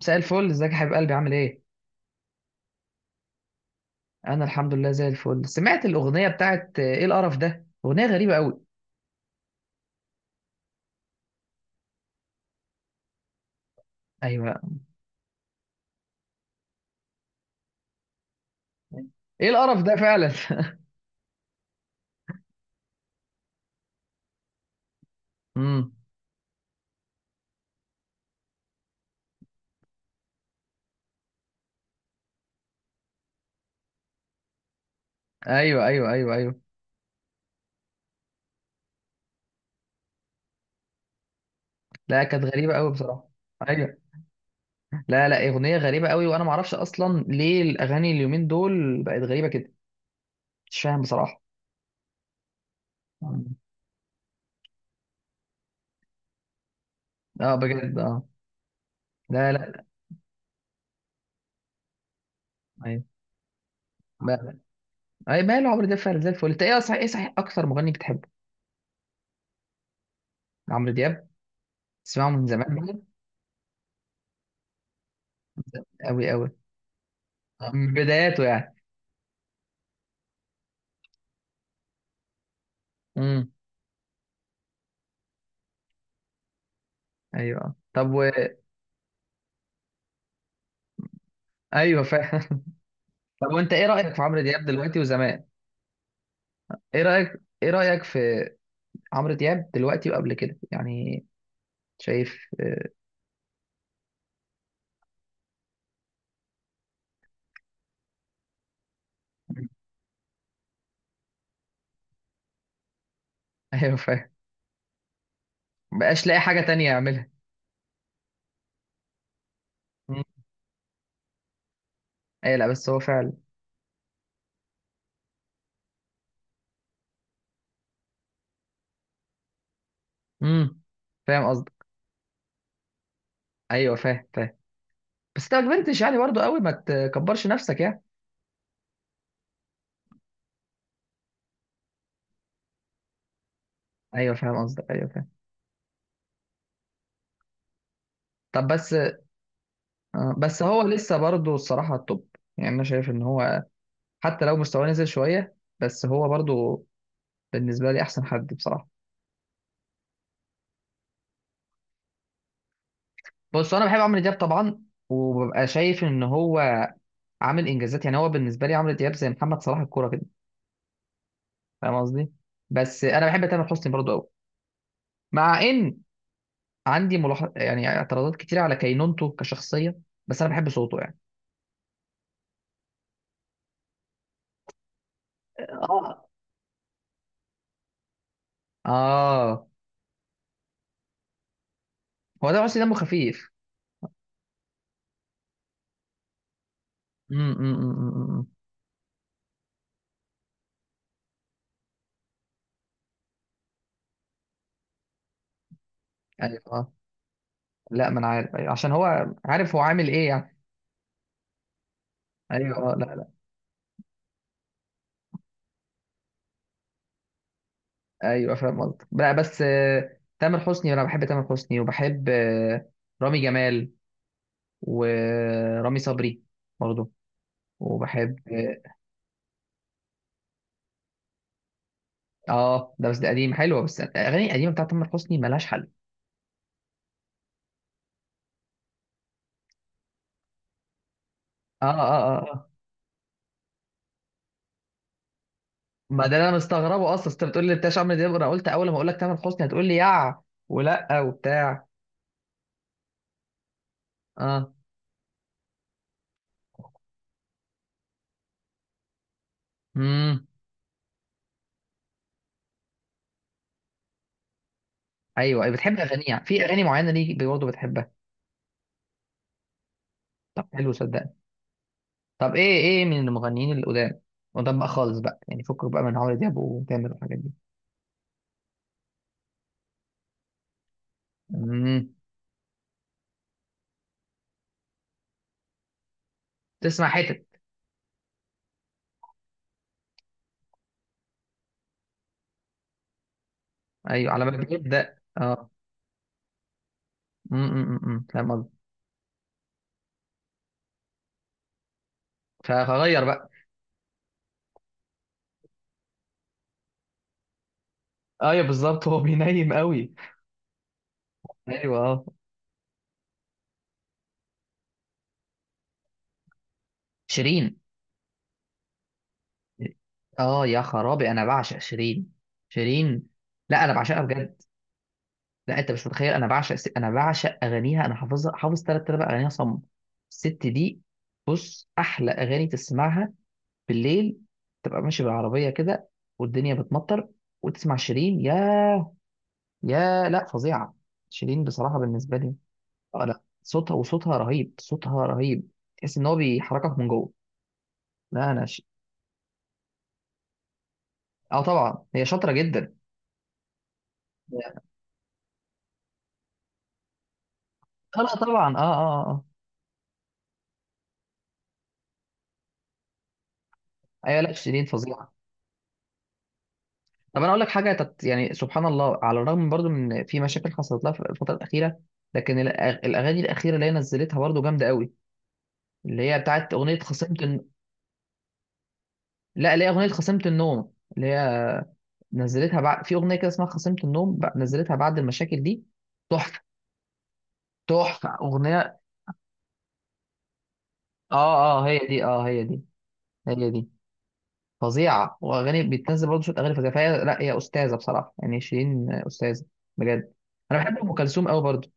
مساء الفل، ازيك يا حبيب قلبي؟ عامل ايه؟ انا الحمد لله زي الفل. سمعت الاغنيه بتاعت ايه القرف ده؟ اغنيه غريبه قوي. ايوه. ايه القرف ده فعلا. امم. ايوه، ايوه، ايوه، ايوه. لا، كانت غريبه قوي بصراحه. ايوه. لا لا، اغنيه غريبه قوي، وانا ما اعرفش اصلا ليه الاغاني اليومين دول بقت غريبه كده. مش فاهم بصراحه. مم. اه، بجد اه. لا لا. ايوه. بقى. اي ماله عمرو دياب؟ فعلا زي الفل. انت ايه صحيح اكتر مغني بتحبه؟ عمرو دياب. تسمعه من زمان. قوي قوي. من بداياته يعني. مم. ايوه، طب ايوه فاهم. طب وانت ايه رايك في عمرو دياب دلوقتي وزمان؟ ايه رايك في عمرو دياب دلوقتي وقبل كده يعني؟ شايف ايوه فاهم. مبقاش لاقي حاجه تانية يعملها. مم. ايوه، لا بس هو فعلا. امم. فاهم قصدك. ايوه، فاهم فاهم. بس انت ما كبرتش يعني برضو قوي، ما تكبرش نفسك يعني. ايوه فاهم قصدك، ايوه فاهم. طب بس هو لسه برضو الصراحه التوب. يعني انا شايف ان هو حتى لو مستواه نزل شويه، بس هو برضو بالنسبه لي احسن حد بصراحه. بص، انا بحب عمرو دياب طبعا، وببقى شايف ان هو عامل انجازات. يعني هو بالنسبه لي عمرو دياب زي محمد صلاح الكوره كده، فاهم قصدي؟ بس انا بحب تامر حسني برضو قوي، مع ان عندي ملاحظ يعني اعتراضات كتير على كينونته كشخصيه، بس انا بحب صوته يعني. اه اه. هو ده حسني دمه خفيف. امم. أمم، أمم، أمم، أمم. ايوه آه. لا، ما انا عارف. أيوة. عشان هو عارف هو عامل ايه يعني. ايوه آه، لا لا. ايوه فاهم قصدك. لا بس تامر حسني، انا بحب تامر حسني، وبحب رامي جمال ورامي صبري برضه، وبحب. اه، ده بس ده قديم حلوه. بس الاغاني القديمه بتاعت تامر حسني ملهاش حل. اه اه اه آه. ما ده اللي انا مستغربه اصلا. أصل انت بتقول لي بتاع عمرو دياب، انا قلت اول ما اقول لك تامر حسني هتقول لي ولا وبتاع. اه. امم. ايوه. أيوة، بتحب اغانيه؟ في اغاني معينه ليك برضه بتحبها؟ طب حلو، صدقني. طب ايه من المغنيين القدام؟ قدام بقى خالص بقى، يعني فكك بقى من عمرو دياب وتامر والحاجات دي. امم. تسمع حتت؟ ايوه على ما بيبدا اه. امم. أمم، أمم، فاهم قصدك. فغير بقى. ايوه بالظبط، هو بينيم قوي. ايوه اه. شيرين. اه يا خرابي، انا بعشق شيرين. شيرين. لا، انا بعشقها بجد. لا انت مش متخيل، انا انا بعشق اغانيها. انا حافظ ثلاث ارباع اغانيها صم. الست دي، بص احلى اغاني تسمعها بالليل، تبقى ماشي بالعربيه كده، والدنيا بتمطر، وتسمع شيرين، يا لا فظيعه. شيرين بصراحه بالنسبه لي. اه لا، صوتها رهيب، صوتها رهيب. تحس ان هو بيحركك من جوه. لا اه طبعا هي شاطره جدا. اه لا طبعا، اه اه اه. ايوه لا، شيرين فظيعه. طب انا اقول لك حاجه يعني سبحان الله، على الرغم برضو من في مشاكل حصلت لها في الفتره الاخيره، لكن الاغاني الاخيره اللي هي نزلتها برضو جامده قوي. اللي هي بتاعت اغنيه لا، اللي هي اغنيه خصمت النوم، اللي هي نزلتها بعد، في اغنيه كده اسمها خصمت النوم، نزلتها بعد المشاكل دي. تحفه. تحفه اغنيه. اه اه، هي دي، اه هي دي. هي دي. فظيعه. واغاني بتنزل برضه شويه اغاني فظيعه، فهي لا، هي استاذه بصراحه. يعني شيرين استاذه، بجد. انا بحب ام كلثوم قوي برضه.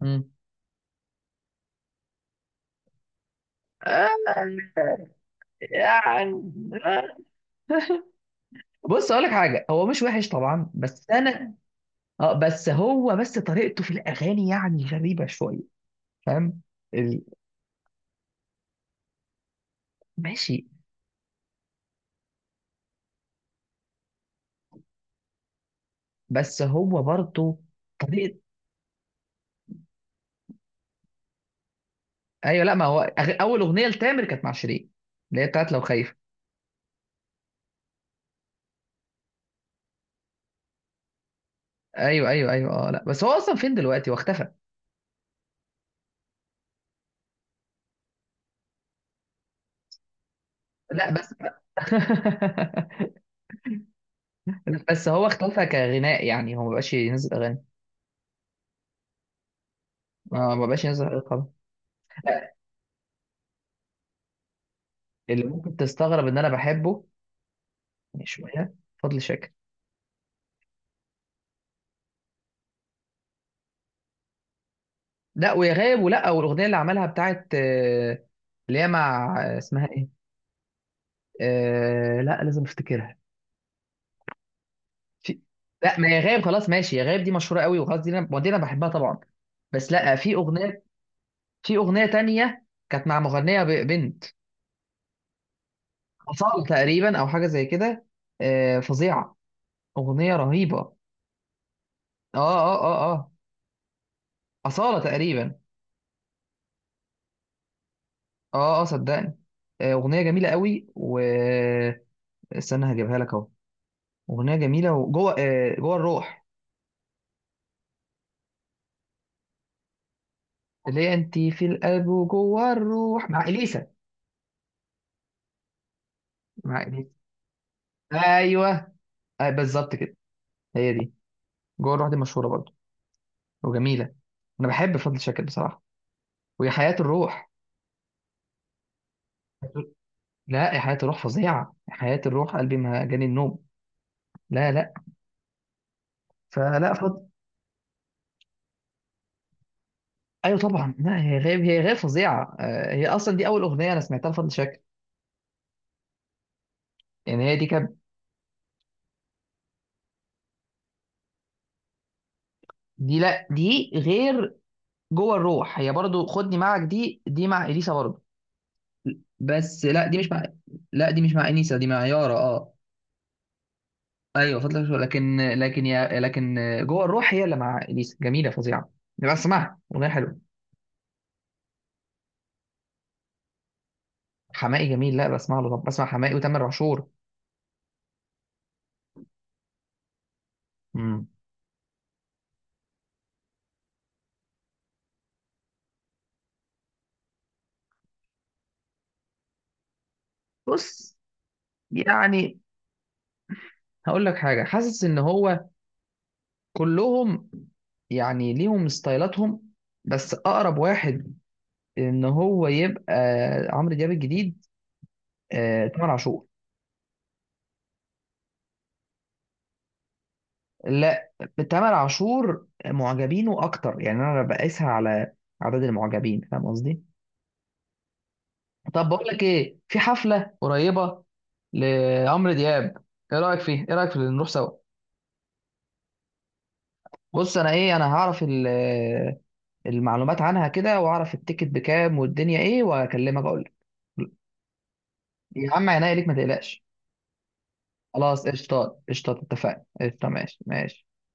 مم. آه. يعني آه. بص اقول لك حاجه، هو مش وحش طبعا، بس انا اه بس هو بس طريقته في الاغاني يعني غريبه شويه فاهم. ال... ماشي. بس هو برضه طريقه. ايوه، لا ما هو اول اغنيه لتامر كانت مع شيرين، اللي هي بتاعت لو خايف. ايوه ايوه ايوه. اه لا، بس هو اصلا فين دلوقتي؟ واختفى. لا بس. لا، بس هو اختفى كغناء، يعني هو مبقاش ينزل اغاني. ما بقاش ينزل اغاني خالص. اللي ممكن تستغرب ان انا بحبه، يعني شويه، فضل شاكر. لا، ويا غاب. ولا والاغنيه اللي عملها بتاعت اللي هي مع اسمها ايه؟ آه، لا لازم افتكرها. في. لا ما يا غاب، خلاص ماشي، يا غاب دي مشهوره قوي وخلاص، دي انا ما، دي انا بحبها طبعا. بس لا، في اغنيه، في اغنيه تانية كانت مع مغنيه بنت، أصالة تقريبا او حاجه زي كده. فظيعه. أغنية رهيبة آه. آه آه آه. أصالة تقريبا. آه آه، صدقني. أغنية جميلة قوي و. استنى هجيبها لك أهو. أغنية جميلة وجوه آه، جوه الروح، اللي هي أنت في القلب وجوه الروح مع إليسا. مع إليسا. أيوه. آه بالظبط كده. هي دي. جوه الروح دي مشهورة برضه، وجميلة. أنا بحب فضل شاكر بصراحة. ويا حياة الروح. لا، يا حياة الروح فظيعة. يا حياة الروح قلبي ما جاني النوم. لا لا. فلا فضل. ايوه طبعا، لا، هي غير فظيعه. هي اصلا دي اول اغنيه انا سمعتها لفضل شاكر. يعني هي دي كانت. دي لا، دي غير. جوه الروح هي برضو. خدني معك دي مع اليسا برضو. بس لا، دي مش مع. لا، دي مش مع انيسه، دي مع يارا اه. ايوه فضل شاكر، لكن جوه الروح هي اللي مع اليسا، جميله فظيعه. بس اسمعها، اغنيه حلوه. حماقي جميل، لا بسمع له. طب بسمع حماقي وتامر عاشور. مم. بص يعني، هقول لك حاجه. حاسس ان هو كلهم يعني ليهم ستايلاتهم، بس اقرب واحد ان هو يبقى عمرو دياب الجديد تامر عاشور. لا. تامر عاشور معجبينه اكتر، يعني انا بقيسها على عدد المعجبين، فاهم قصدي؟ طب بقول لك ايه، في حفله قريبه لعمرو دياب. ايه رايك في اللي نروح سوا؟ بص، انا ايه، انا هعرف المعلومات عنها كده، واعرف التيكت بكام والدنيا ايه، واكلمك اقول لك. يا عم، عينيا ليك ما تقلقش. خلاص قشطات قشطات، اتفقنا قشطة. ماشي ماشي.